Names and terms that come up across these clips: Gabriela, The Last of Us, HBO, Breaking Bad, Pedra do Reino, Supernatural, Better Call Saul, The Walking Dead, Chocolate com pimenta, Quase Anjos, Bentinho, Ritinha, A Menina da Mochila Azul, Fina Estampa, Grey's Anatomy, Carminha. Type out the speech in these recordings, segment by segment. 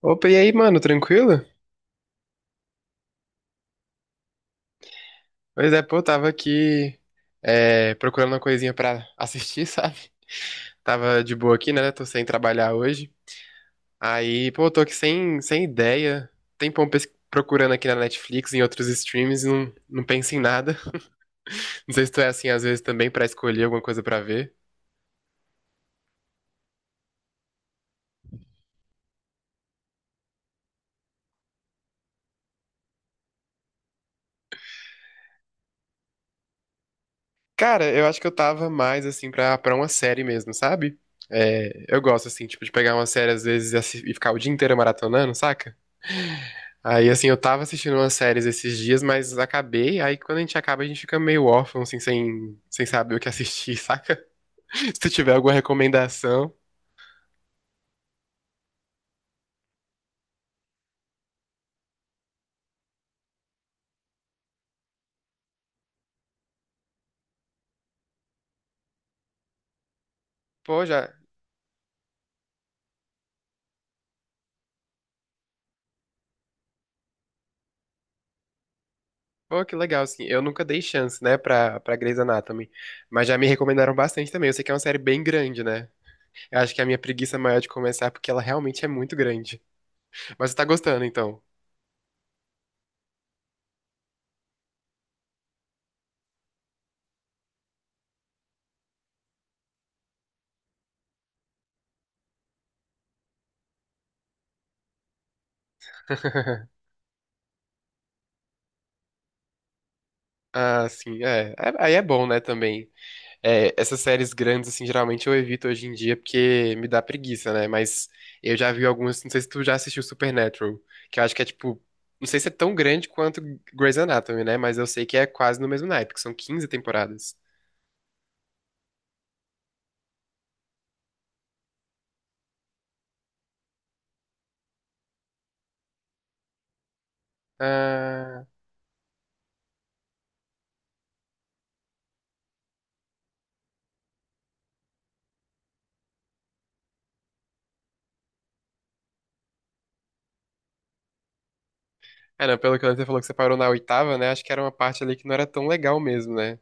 Opa, e aí, mano, tranquilo? Pois é, pô, tava aqui procurando uma coisinha pra assistir, sabe? Tava de boa aqui, né? Tô sem trabalhar hoje. Aí, pô, tô aqui sem ideia. Tempão procurando aqui na Netflix, em outros streams, e não penso em nada. Não sei se tu é assim, às vezes, também pra escolher alguma coisa pra ver. Cara, eu acho que eu tava mais, assim, pra uma série mesmo, sabe? É, eu gosto, assim, tipo, de pegar uma série, às vezes, e e ficar o dia inteiro maratonando, saca? Aí, assim, eu tava assistindo umas séries esses dias, mas acabei. Aí, quando a gente acaba, a gente fica meio órfão, assim, sem saber o que assistir, saca? Se tu tiver alguma recomendação. Pô, já. Pô, que legal, assim. Eu nunca dei chance, né, pra Grey's Anatomy. Mas já me recomendaram bastante também. Eu sei que é uma série bem grande, né? Eu acho que a minha preguiça maior é de começar, é porque ela realmente é muito grande. Mas você tá gostando, então. Ah, sim, é. É- Aí é bom, né, também. É, essas séries grandes, assim, geralmente eu evito hoje em dia porque me dá preguiça, né? Mas eu já vi algumas, não sei se tu já assistiu Supernatural, que eu acho que é tipo, não sei se é tão grande quanto Grey's Anatomy, né? Mas eu sei que é quase no mesmo naipe, que são 15 temporadas. Ah, é, não, pelo que você falou que você parou na oitava, né? Acho que era uma parte ali que não era tão legal mesmo, né?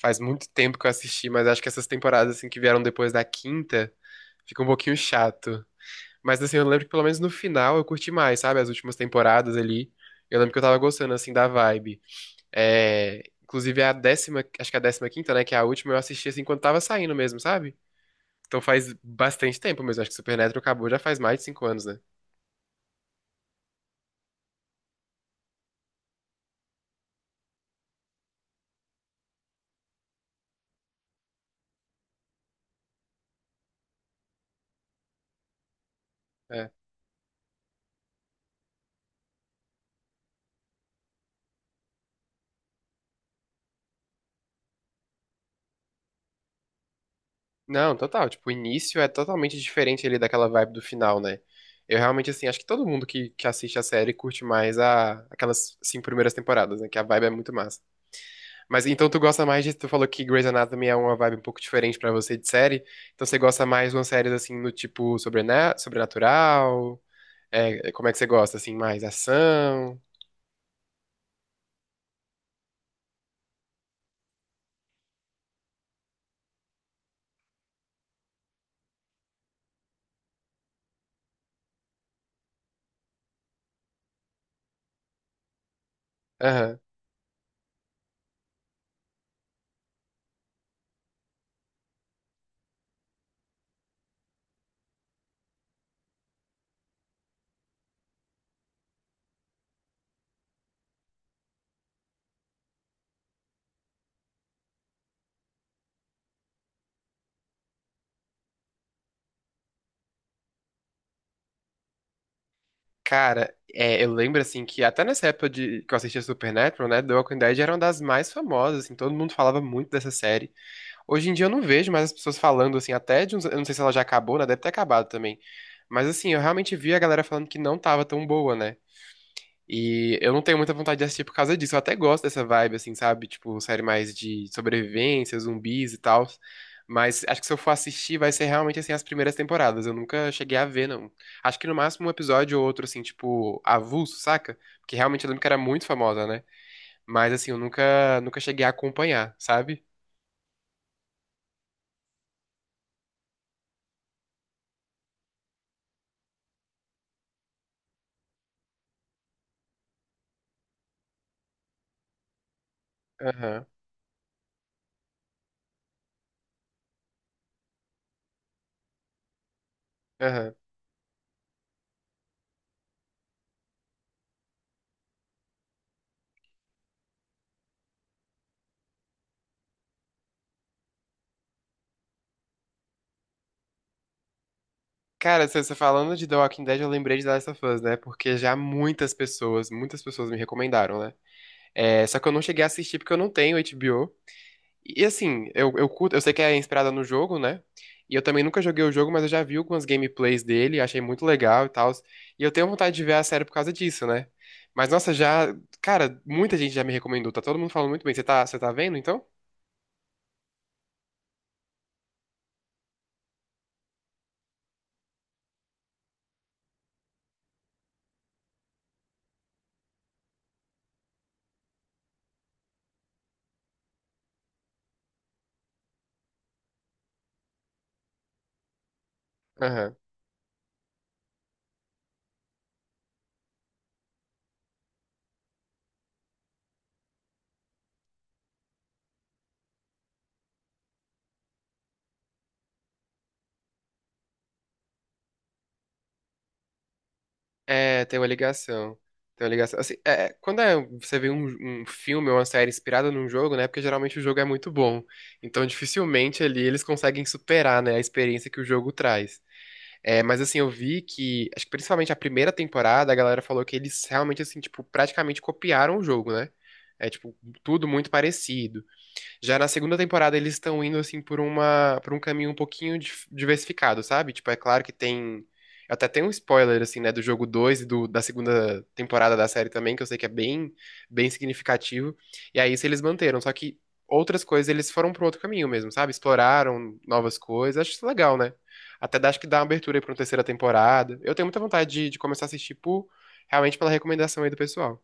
Faz muito tempo que eu assisti, mas acho que essas temporadas, assim, que vieram depois da quinta, fica um pouquinho chato. Mas assim, eu lembro que pelo menos no final eu curti mais, sabe? As últimas temporadas ali. Eu lembro que eu tava gostando, assim, da vibe. É, inclusive a décima, acho que a décima quinta, né? Que é a última, eu assisti assim quando tava saindo mesmo, sabe? Então faz bastante tempo mesmo. Acho que Supernatural acabou já faz mais de cinco anos, né? É. Não, total. Tipo, o início é totalmente diferente ali daquela vibe do final, né? Eu realmente, assim, acho que todo mundo que assiste a série curte mais aquelas cinco primeiras temporadas, né? Que a vibe é muito massa. Mas então tu gosta mais de. Tu falou que Grey's Anatomy é uma vibe um pouco diferente pra você de série. Então você gosta mais de umas séries assim no tipo sobrenatural? É, é, como é que você gosta? Assim, mais ação? Aham. Cara, é, eu lembro assim que até nessa época de, que eu assistia Supernatural, né? The Walking Dead era uma das mais famosas, assim, todo mundo falava muito dessa série. Hoje em dia eu não vejo mais as pessoas falando, assim, até de uns, eu não sei se ela já acabou, né? Deve ter acabado também. Mas assim, eu realmente vi a galera falando que não tava tão boa, né? E eu não tenho muita vontade de assistir por causa disso. Eu até gosto dessa vibe, assim, sabe? Tipo, série mais de sobrevivência, zumbis e tal. Mas acho que se eu for assistir, vai ser realmente, assim, as primeiras temporadas. Eu nunca cheguei a ver, não. Acho que no máximo um episódio ou outro, assim, tipo, avulso, saca? Porque realmente eu lembro que era muito famosa, né? Mas, assim, eu nunca cheguei a acompanhar, sabe? Aham, aham. Cara, você falando de The Walking Dead, eu lembrei de The Last of Us, né? Porque já muitas pessoas me recomendaram, né? É, só que eu não cheguei a assistir porque eu não tenho HBO. E assim, eu curto, eu sei que é inspirada no jogo, né? E eu também nunca joguei o jogo, mas eu já vi algumas gameplays dele, achei muito legal e tal. E eu tenho vontade de ver a série por causa disso, né? Mas nossa, já, cara, muita gente já me recomendou, tá todo mundo falando muito bem. Você tá vendo então? Aham. É, tem uma ligação. Tem uma ligação. Assim, é, quando você vê um, um filme ou uma série inspirada num jogo, né? Porque geralmente o jogo é muito bom. Então, dificilmente ali eles conseguem superar, né, a experiência que o jogo traz. É, mas assim, eu vi que, acho que principalmente a primeira temporada, a galera falou que eles realmente, assim, tipo, praticamente copiaram o jogo, né? É, tipo, tudo muito parecido. Já na segunda temporada eles estão indo assim por um caminho um pouquinho diversificado, sabe? Tipo, é claro que tem até tem um spoiler assim, né, do jogo 2 e do, da segunda temporada da série também, que eu sei que é bem significativo. E aí isso eles manteram, só que outras coisas eles foram para outro caminho mesmo, sabe? Exploraram novas coisas. Acho isso legal, né? Até acho que dá uma abertura aí pra uma terceira temporada. Eu tenho muita vontade de começar a assistir por, realmente pela recomendação aí do pessoal.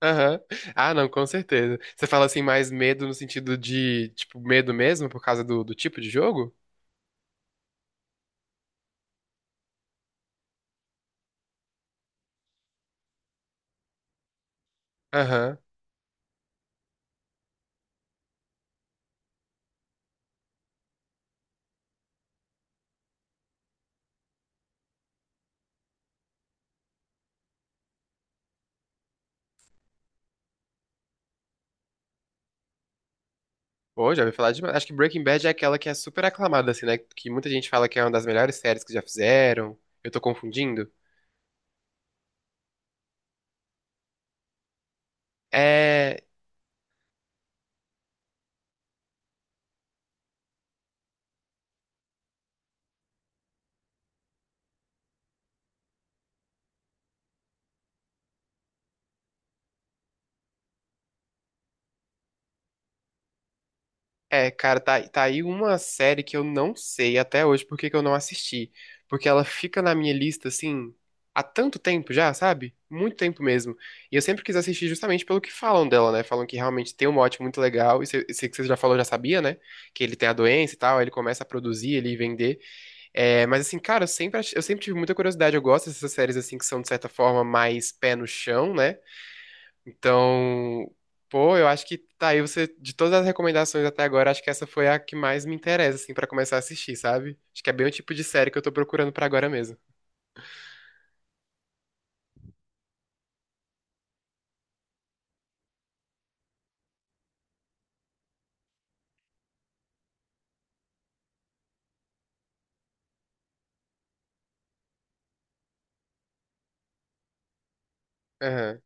Aham. Ah, não, com certeza. Você fala assim, mais medo no sentido de, tipo, medo mesmo por causa do tipo de jogo? Aham. Pô, já ouvi falar demais. Acho que Breaking Bad é aquela que é super aclamada, assim, né? Que muita gente fala que é uma das melhores séries que já fizeram. Eu tô confundindo? É. É, cara, tá aí uma série que eu não sei até hoje por que que eu não assisti. Porque ela fica na minha lista, assim, há tanto tempo já, sabe? Muito tempo mesmo. E eu sempre quis assistir justamente pelo que falam dela, né? Falam que realmente tem um mote muito legal. E sei que você já falou, já sabia, né? Que ele tem a doença e tal, aí ele começa a produzir, ele vender. É, mas assim, cara, eu sempre, eu sempre tive muita curiosidade. Eu gosto dessas séries, assim, que são, de certa forma, mais pé no chão, né? Então, pô, eu acho que tá aí você, de todas as recomendações até agora, acho que essa foi a que mais me interessa, assim, pra começar a assistir, sabe? Acho que é bem o tipo de série que eu tô procurando pra agora mesmo. Aham.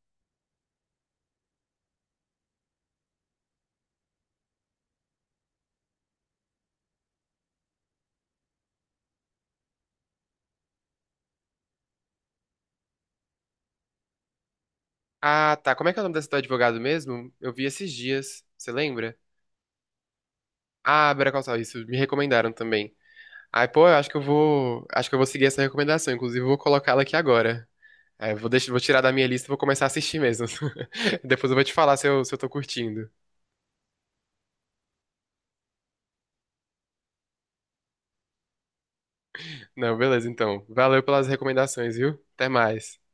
Ah, tá. Como é que é o nome desse do advogado mesmo? Eu vi esses dias. Você lembra? Ah, Better Call Saul, isso. Me recomendaram também. Ai, pô, eu acho que eu vou. Acho que eu vou seguir essa recomendação. Inclusive, eu vou colocá-la aqui agora. É, eu vou deixar, vou tirar da minha lista e vou começar a assistir mesmo. Depois eu vou te falar se eu tô curtindo. Não, beleza, então. Valeu pelas recomendações, viu? Até mais.